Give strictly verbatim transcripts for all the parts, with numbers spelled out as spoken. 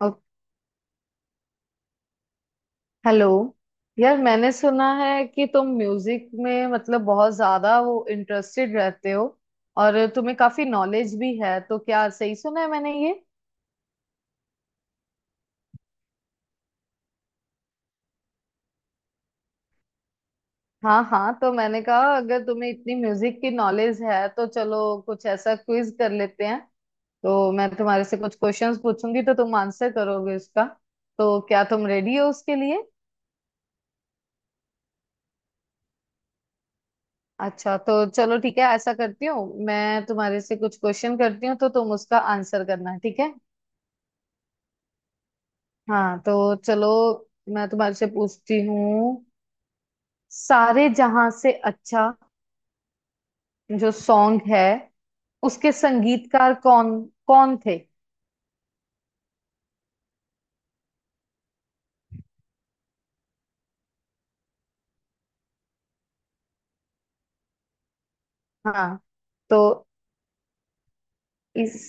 अ- hello यार। मैंने सुना है कि तुम म्यूजिक में मतलब बहुत ज्यादा वो इंटरेस्टेड रहते हो और तुम्हें काफी नॉलेज भी है, तो क्या सही सुना है मैंने ये? हाँ हाँ, तो मैंने कहा अगर तुम्हें इतनी म्यूजिक की नॉलेज है तो चलो कुछ ऐसा क्विज कर लेते हैं। तो मैं तुम्हारे से कुछ क्वेश्चंस पूछूंगी, तो तुम आंसर करोगे उसका। तो क्या तुम रेडी हो उसके लिए? अच्छा, तो चलो ठीक है, ऐसा करती हूँ, मैं तुम्हारे से कुछ क्वेश्चन करती हूँ तो तुम उसका आंसर करना, ठीक है? हाँ तो चलो, मैं तुम्हारे से पूछती हूँ। सारे जहां से अच्छा जो सॉन्ग है उसके संगीतकार कौन कौन थे? हाँ तो इस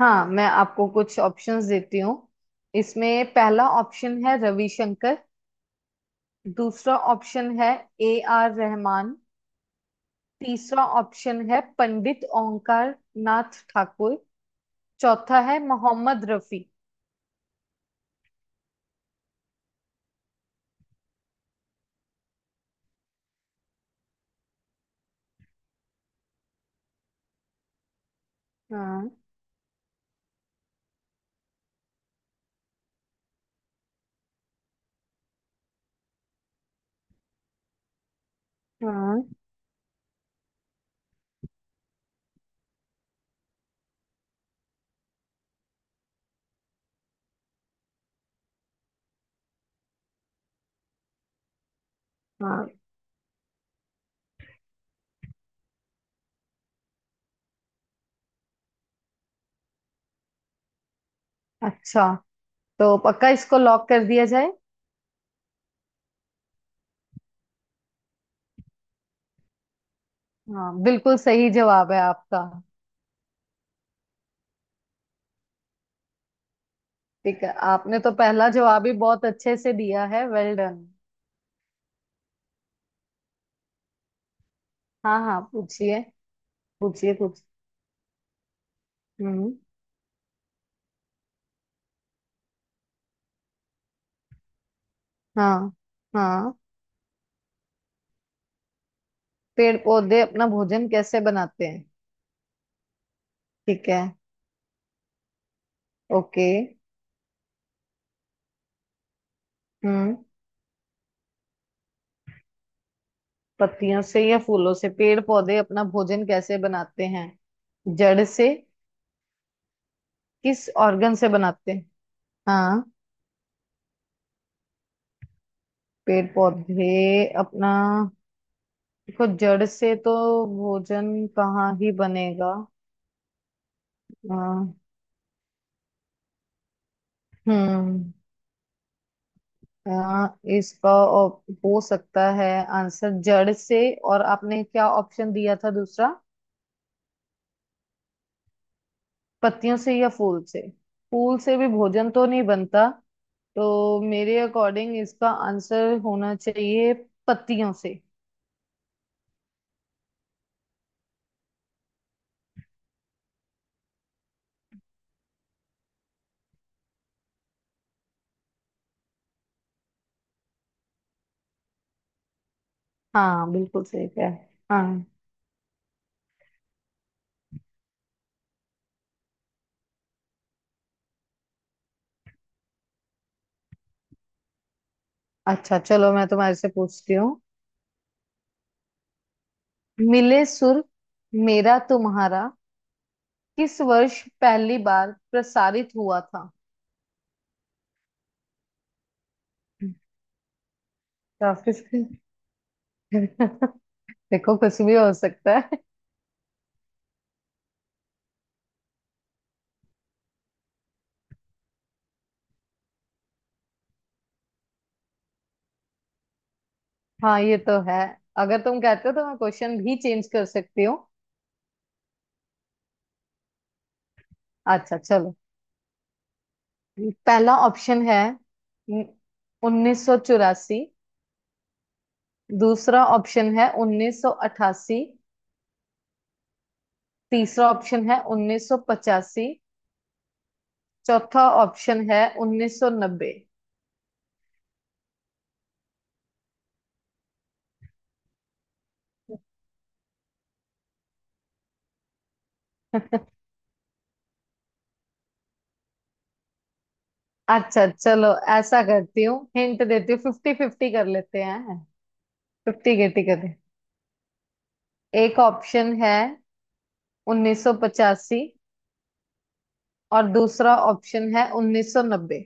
हाँ, मैं आपको कुछ ऑप्शंस देती हूँ। इसमें पहला ऑप्शन है रविशंकर। दूसरा ऑप्शन है ए आर रहमान। तीसरा ऑप्शन है पंडित ओंकार नाथ ठाकुर। चौथा है मोहम्मद रफी। हाँ हाँ हाँ। अच्छा, तो पक्का इसको लॉक कर दिया जाए? हाँ बिल्कुल सही जवाब है आपका। ठीक है, आपने तो पहला जवाब ही बहुत अच्छे से दिया है, वेल डन। हाँ हाँ पूछिए। पूछिए कुछ। हम्म। हाँ हाँ। पेड़ पौधे अपना भोजन कैसे बनाते हैं? ठीक है, ओके। हम्म। पत्तियों से या फूलों से पेड़ पौधे अपना भोजन कैसे बनाते हैं? जड़ से? किस ऑर्गन से बनाते हैं? हाँ। पेड़ पौधे अपना, देखो जड़ से तो भोजन कहाँ ही बनेगा। अ, हम्म। अ, इसका ऑप- हो सकता है आंसर जड़ से। और आपने क्या ऑप्शन दिया था दूसरा? पत्तियों से या फूल से। फूल से भी भोजन तो नहीं बनता, तो मेरे अकॉर्डिंग इसका आंसर होना चाहिए पत्तियों से। हाँ बिल्कुल सही है। हाँ। अच्छा, चलो मैं तुम्हारे से पूछती हूँ। मिले सुर मेरा तुम्हारा किस वर्ष पहली बार प्रसारित हुआ था? ऑफिस के। देखो, कुछ भी हो सकता है। हाँ ये तो है, अगर तुम कहते हो तो मैं क्वेश्चन भी चेंज कर सकती हूँ। अच्छा चलो, पहला ऑप्शन है उन्नीस सौ चौरासी। दूसरा ऑप्शन है उन्नीस सौ अठासी। तीसरा ऑप्शन है उन्नीस सौ पचासी। चौथा ऑप्शन है उन्नीस सौ नब्बे। अच्छा, चलो ऐसा करती हूँ, हिंट देती हूँ, फिफ्टी फिफ्टी कर लेते हैं। फिफ्टी के टिकट है। एक ऑप्शन है उन्नीस सौ पचासी और दूसरा ऑप्शन है उन्नीस सौ नब्बे।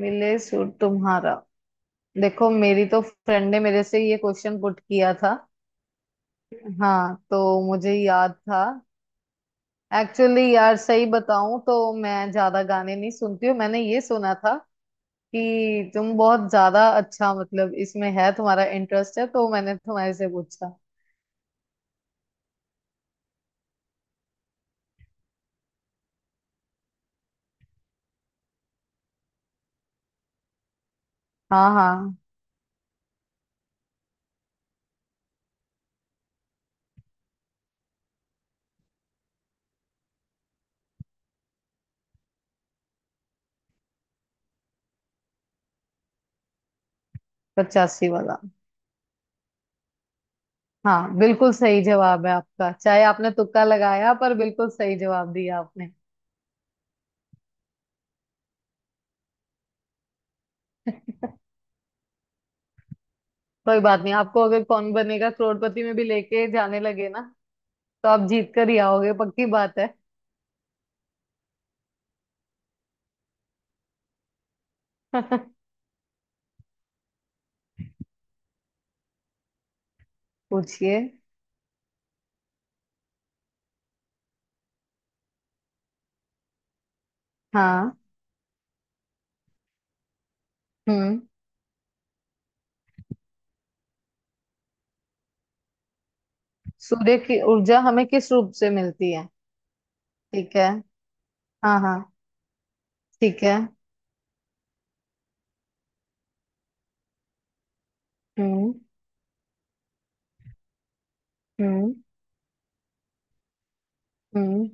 मिले सूट तुम्हारा, देखो मेरी तो फ्रेंड ने मेरे से ये क्वेश्चन पुट किया था। हाँ तो मुझे याद था। एक्चुअली यार, सही बताऊं तो मैं ज्यादा गाने नहीं सुनती हूँ, मैंने ये सुना था कि तुम बहुत ज्यादा अच्छा मतलब इसमें है, तुम्हारा इंटरेस्ट है तो मैंने तुम्हारे से पूछा। हाँ हाँ। पचासी वाला। हाँ बिल्कुल सही जवाब है आपका, चाहे आपने तुक्का लगाया पर बिल्कुल सही जवाब दिया आपने। कोई बात नहीं, आपको अगर कौन बनेगा करोड़पति में भी लेके जाने लगे ना, तो आप जीत कर ही आओगे, पक्की बात है। पूछिए। हाँ। हम्म। सूर्य की ऊर्जा हमें किस रूप से मिलती है? ठीक है। हाँ हाँ। ठीक है। हम्म। हम्म। हम्म।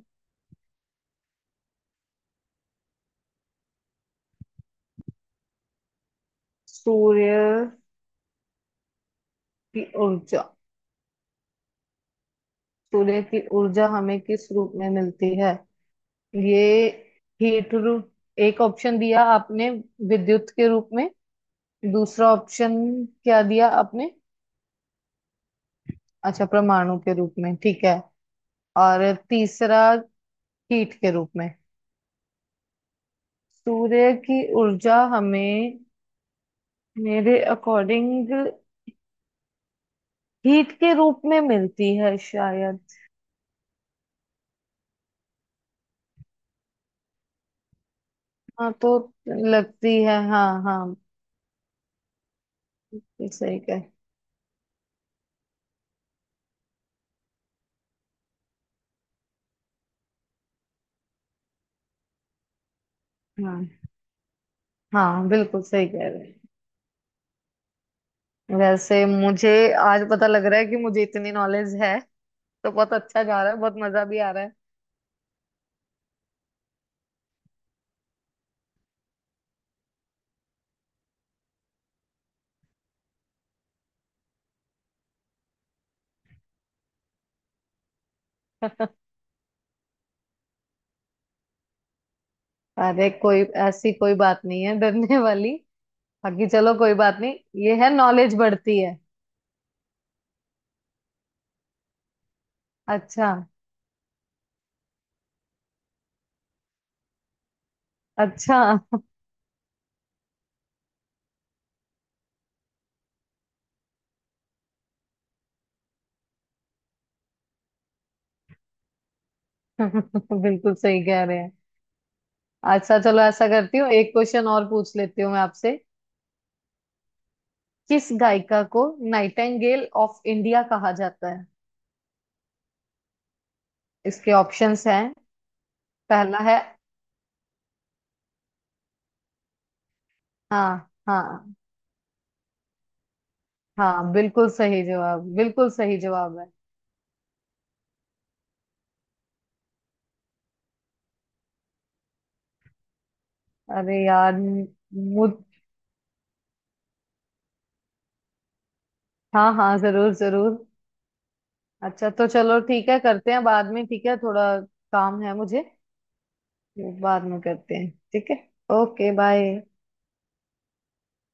सूर्य की ऊर्जा, सूर्य की ऊर्जा हमें किस रूप में मिलती है ये? हीट रूप। एक ऑप्शन दिया आपने विद्युत के रूप में। दूसरा ऑप्शन क्या दिया आपने? अच्छा, परमाणु के रूप में, ठीक है। और तीसरा हीट के रूप में। सूर्य की ऊर्जा हमें, मेरे अकॉर्डिंग, हीट के रूप में मिलती है शायद। हाँ तो लगती है, हाँ हाँ। सही कह हाँ हाँ बिल्कुल सही कह रहे हैं। वैसे मुझे आज पता लग रहा है कि मुझे इतनी नॉलेज है, तो बहुत अच्छा जा रहा है, बहुत मजा भी आ रहा है। अरे कोई ऐसी कोई बात नहीं है डरने वाली, बाकी चलो कोई बात नहीं। ये है, नॉलेज बढ़ती है। अच्छा। अच्छा। बिल्कुल सही कह रहे हैं। अच्छा, चलो ऐसा करती हूँ, एक क्वेश्चन और पूछ लेती हूँ मैं आपसे। किस गायिका को नाइटिंगेल ऑफ इंडिया कहा जाता है? इसके ऑप्शंस हैं, पहला है। हाँ हाँ। हाँ बिल्कुल सही जवाब, बिल्कुल सही जवाब है। अरे यार मुझ हाँ हाँ जरूर जरूर। अच्छा तो चलो ठीक है, करते हैं बाद में, ठीक है, थोड़ा काम है मुझे। वो बाद में करते हैं, ठीक है, ओके बाय।